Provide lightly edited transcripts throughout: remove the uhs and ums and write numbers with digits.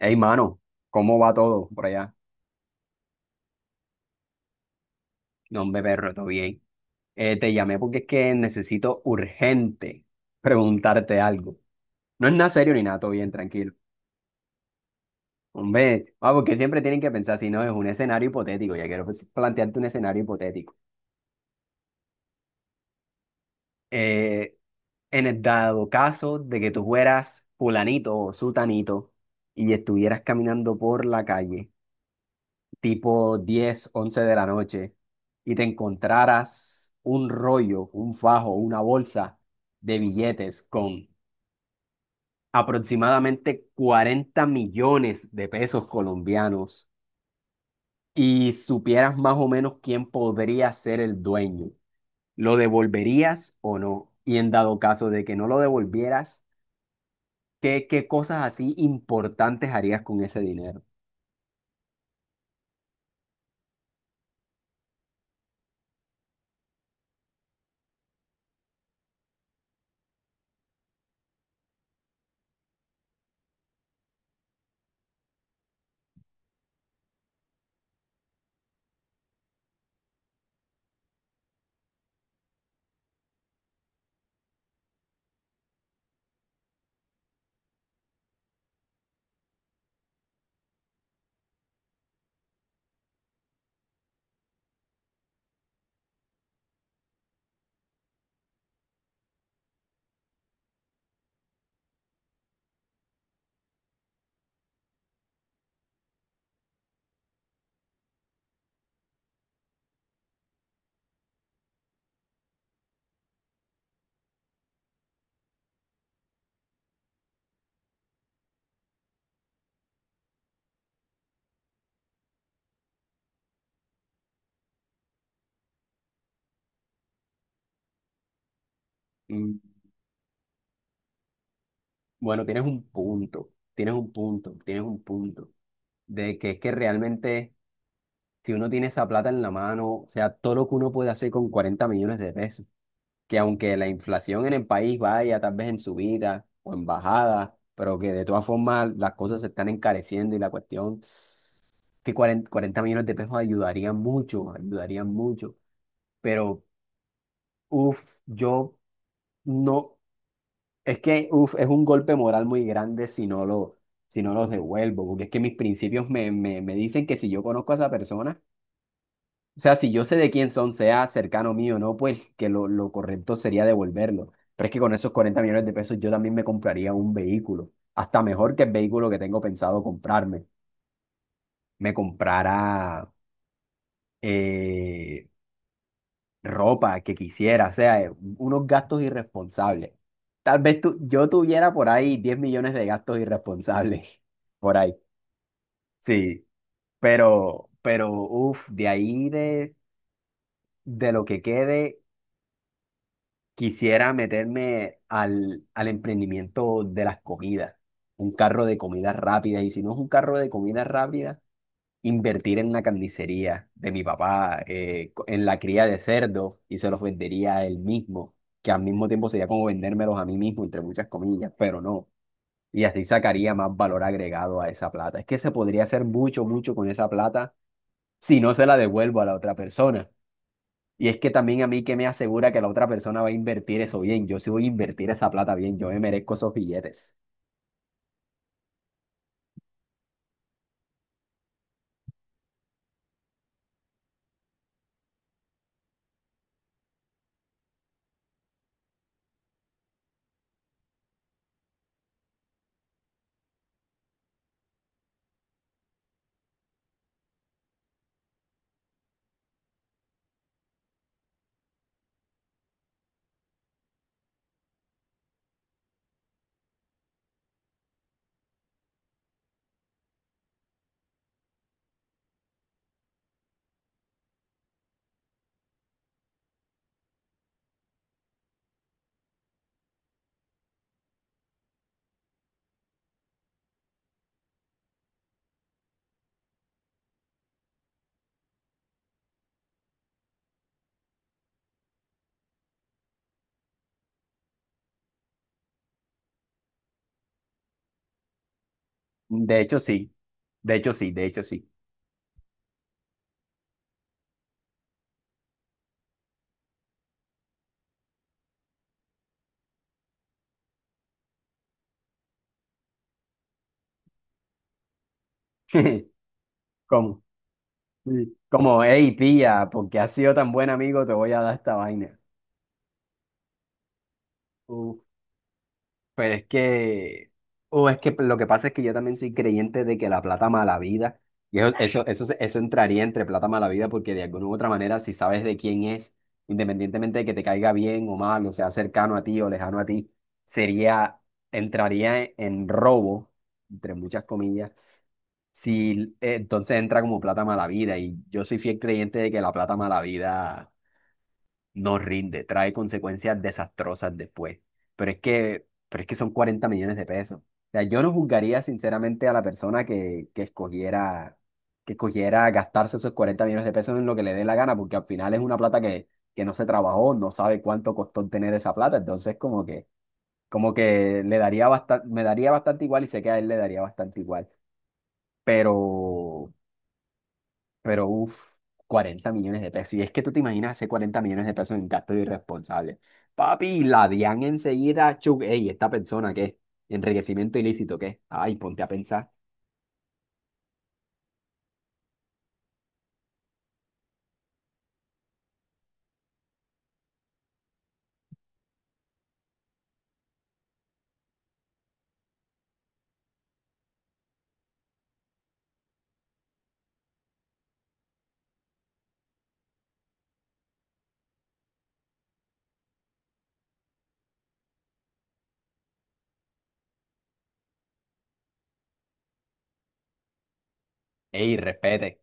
Hey, mano, ¿cómo va todo por allá? No, hombre, perro, todo bien. Te llamé porque es que necesito urgente preguntarte algo. No es nada serio ni nada, todo bien, tranquilo. Hombre, porque siempre tienen que pensar si no es un escenario hipotético. Ya quiero pues, plantearte un escenario hipotético. Eh, en el dado caso de que tú fueras fulanito o sutanito y estuvieras caminando por la calle tipo 10 11 de la noche y te encontraras un rollo, un fajo, una bolsa de billetes con aproximadamente 40 millones de pesos colombianos y supieras más o menos quién podría ser el dueño, ¿lo devolverías o no? Y en dado caso de que no lo devolvieras, ¿qué cosas así importantes harías con ese dinero? Mm. Bueno, tienes un punto, tienes un punto, tienes un punto. De que es que realmente si uno tiene esa plata en la mano, o sea, todo lo que uno puede hacer con 40 millones de pesos, que aunque la inflación en el país vaya tal vez en subida o en bajada, pero que de todas formas las cosas se están encareciendo y la cuestión, que cuarenta millones de pesos ayudarían mucho, pero uff, yo no, es que uff, es un golpe moral muy grande si no lo... si no los devuelvo, porque es que mis principios me dicen que si yo conozco a esa persona. O sea, si yo sé de quién son, sea cercano mío o no, pues que lo correcto sería devolverlo. Pero es que con esos 40 millones de pesos yo también me compraría un vehículo, hasta mejor que el vehículo que tengo pensado comprarme. Me comprara eh, ropa que quisiera, o sea, unos gastos irresponsables. Tal vez tú, yo tuviera por ahí 10 millones de gastos irresponsables, por ahí. Sí, pero, uff, de ahí de lo que quede. Quisiera meterme al emprendimiento de las comidas, un carro de comidas rápidas, y si no es un carro de comidas rápidas, invertir en una carnicería de mi papá, co- en la cría de cerdos, y se los vendería a él mismo, que al mismo tiempo sería como vendérmelos a mí mismo, entre muchas comillas, pero no. Y así sacaría más valor agregado a esa plata. Es que se podría hacer mucho, mucho con esa plata si no se la devuelvo a la otra persona. Y es que también a mí que me asegura que la otra persona va a invertir eso bien. Yo sí voy a invertir esa plata bien. Yo me merezco esos billetes. De hecho, sí. De hecho, sí. De hecho, sí. Como, sí. Como, hey, pilla, porque has sido tan buen amigo, te voy a dar esta vaina. Uf. Pero es que, o es que lo que pasa es que yo también soy creyente de que la plata mala vida, y eso entraría entre plata mala vida, porque de alguna u otra manera, si sabes de quién es, independientemente de que te caiga bien o mal, o sea cercano a ti o lejano a ti, sería, entraría en robo, entre muchas comillas, si entonces entra como plata mala vida, y yo soy fiel creyente de que la plata mala vida no rinde, trae consecuencias desastrosas después. Pero es que son 40 millones de pesos. O sea, yo no juzgaría sinceramente a la persona que escogiera, que escogiera gastarse esos 40 millones de pesos en lo que le dé la gana, porque al final es una plata que no se trabajó, no sabe cuánto costó tener esa plata. Entonces, como que le daría bastante, me daría bastante igual y sé que a él le daría bastante igual. Pero, pero uff, 40 millones de pesos. Y es que tú te imaginas hacer 40 millones de pesos en gasto irresponsable. Papi, la DIAN enseguida, chuc, ey, esta persona qué, enriquecimiento ilícito qué. Ay, ponte a pensar. Ey, respete.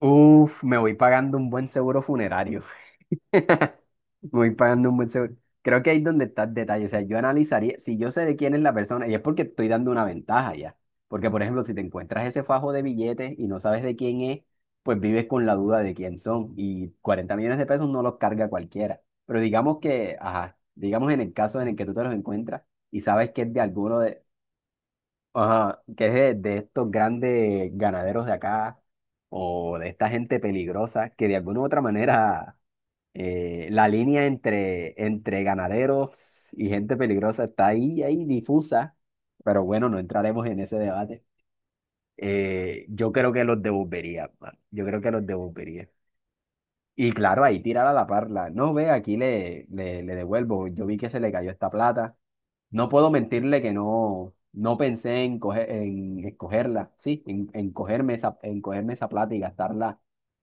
Uff, me voy pagando un buen seguro funerario. Voy pagando un buen seguro. Creo que ahí es donde está el detalle. O sea, yo analizaría, si yo sé de quién es la persona, y es porque estoy dando una ventaja ya. Porque, por ejemplo, si te encuentras ese fajo de billetes y no sabes de quién es, pues vives con la duda de quién son. Y 40 millones de pesos no los carga cualquiera. Pero digamos que, ajá, digamos en el caso en el que tú te los encuentras y sabes que es de alguno de, ajá, que es de estos grandes ganaderos de acá o de esta gente peligrosa que de alguna u otra manera la línea entre ganaderos y gente peligrosa está ahí, ahí difusa, pero bueno, no entraremos en ese debate. Yo creo que los devolvería, mano. Yo creo que los devolvería. Y claro, ahí tirar a la parla. No, ve, aquí le devuelvo. Yo vi que se le cayó esta plata. No puedo mentirle que no, no pensé en, coger, en escogerla, sí, en cogerme esa, en cogerme esa plata y gastarla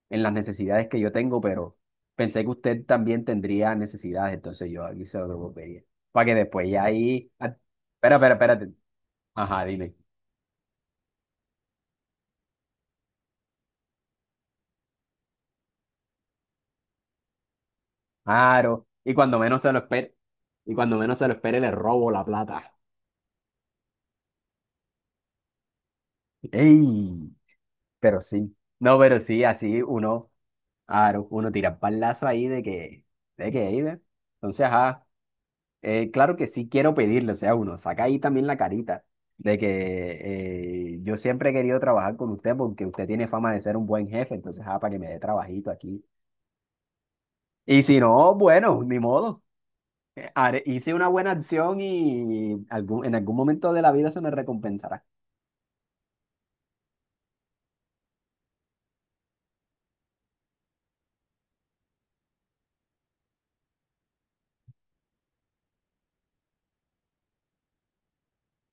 en las necesidades que yo tengo, pero pensé que usted también tendría necesidades, entonces yo aquí se lo pedía. Para que después ya ahí. Ah. Espera, espera, espérate. Ajá, dime. Claro. Y cuando menos se lo espere, y cuando menos se lo espere, le robo la plata. ¡Ey! Pero sí, no, pero sí, así uno, claro, uno tira palazo ahí de que, ahí, ¿ve? Entonces, ajá, claro que sí quiero pedirle, o sea, uno saca ahí también la carita de que yo siempre he querido trabajar con usted porque usted tiene fama de ser un buen jefe, entonces, ajá, para que me dé trabajito aquí. Y si no, bueno, ni modo, hice una buena acción y algún, en algún momento de la vida se me recompensará.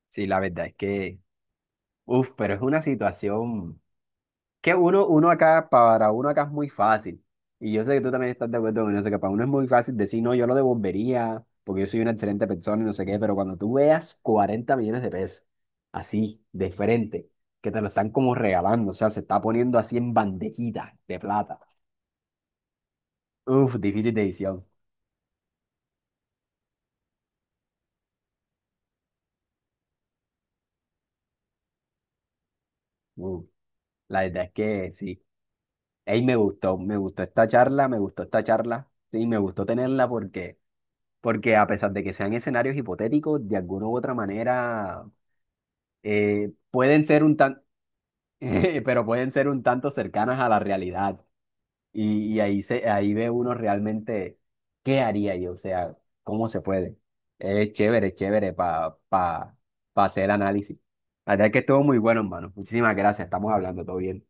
Sí, la verdad es que, uff, pero es una situación. Que uno, uno acá, para uno acá es muy fácil. Y yo sé que tú también estás de acuerdo con eso, que para uno es muy fácil decir, no, yo lo devolvería, porque yo soy una excelente persona y no sé qué, pero cuando tú veas 40 millones de pesos, así, de frente, que te lo están como regalando, o sea, se está poniendo así en bandejita de plata. Uf, difícil decisión. Uf, la verdad es que sí. Ey, me gustó esta charla, me gustó esta charla. Sí, me gustó tenerla porque, porque a pesar de que sean escenarios hipotéticos, de alguna u otra manera pueden ser un tan, pero pueden ser un tanto cercanas a la realidad. Y ahí se, ahí ve uno realmente qué haría yo, o sea, cómo se puede. Es chévere, chévere para pa hacer el análisis. La verdad es que estuvo muy bueno, hermano. Muchísimas gracias, estamos hablando, todo bien.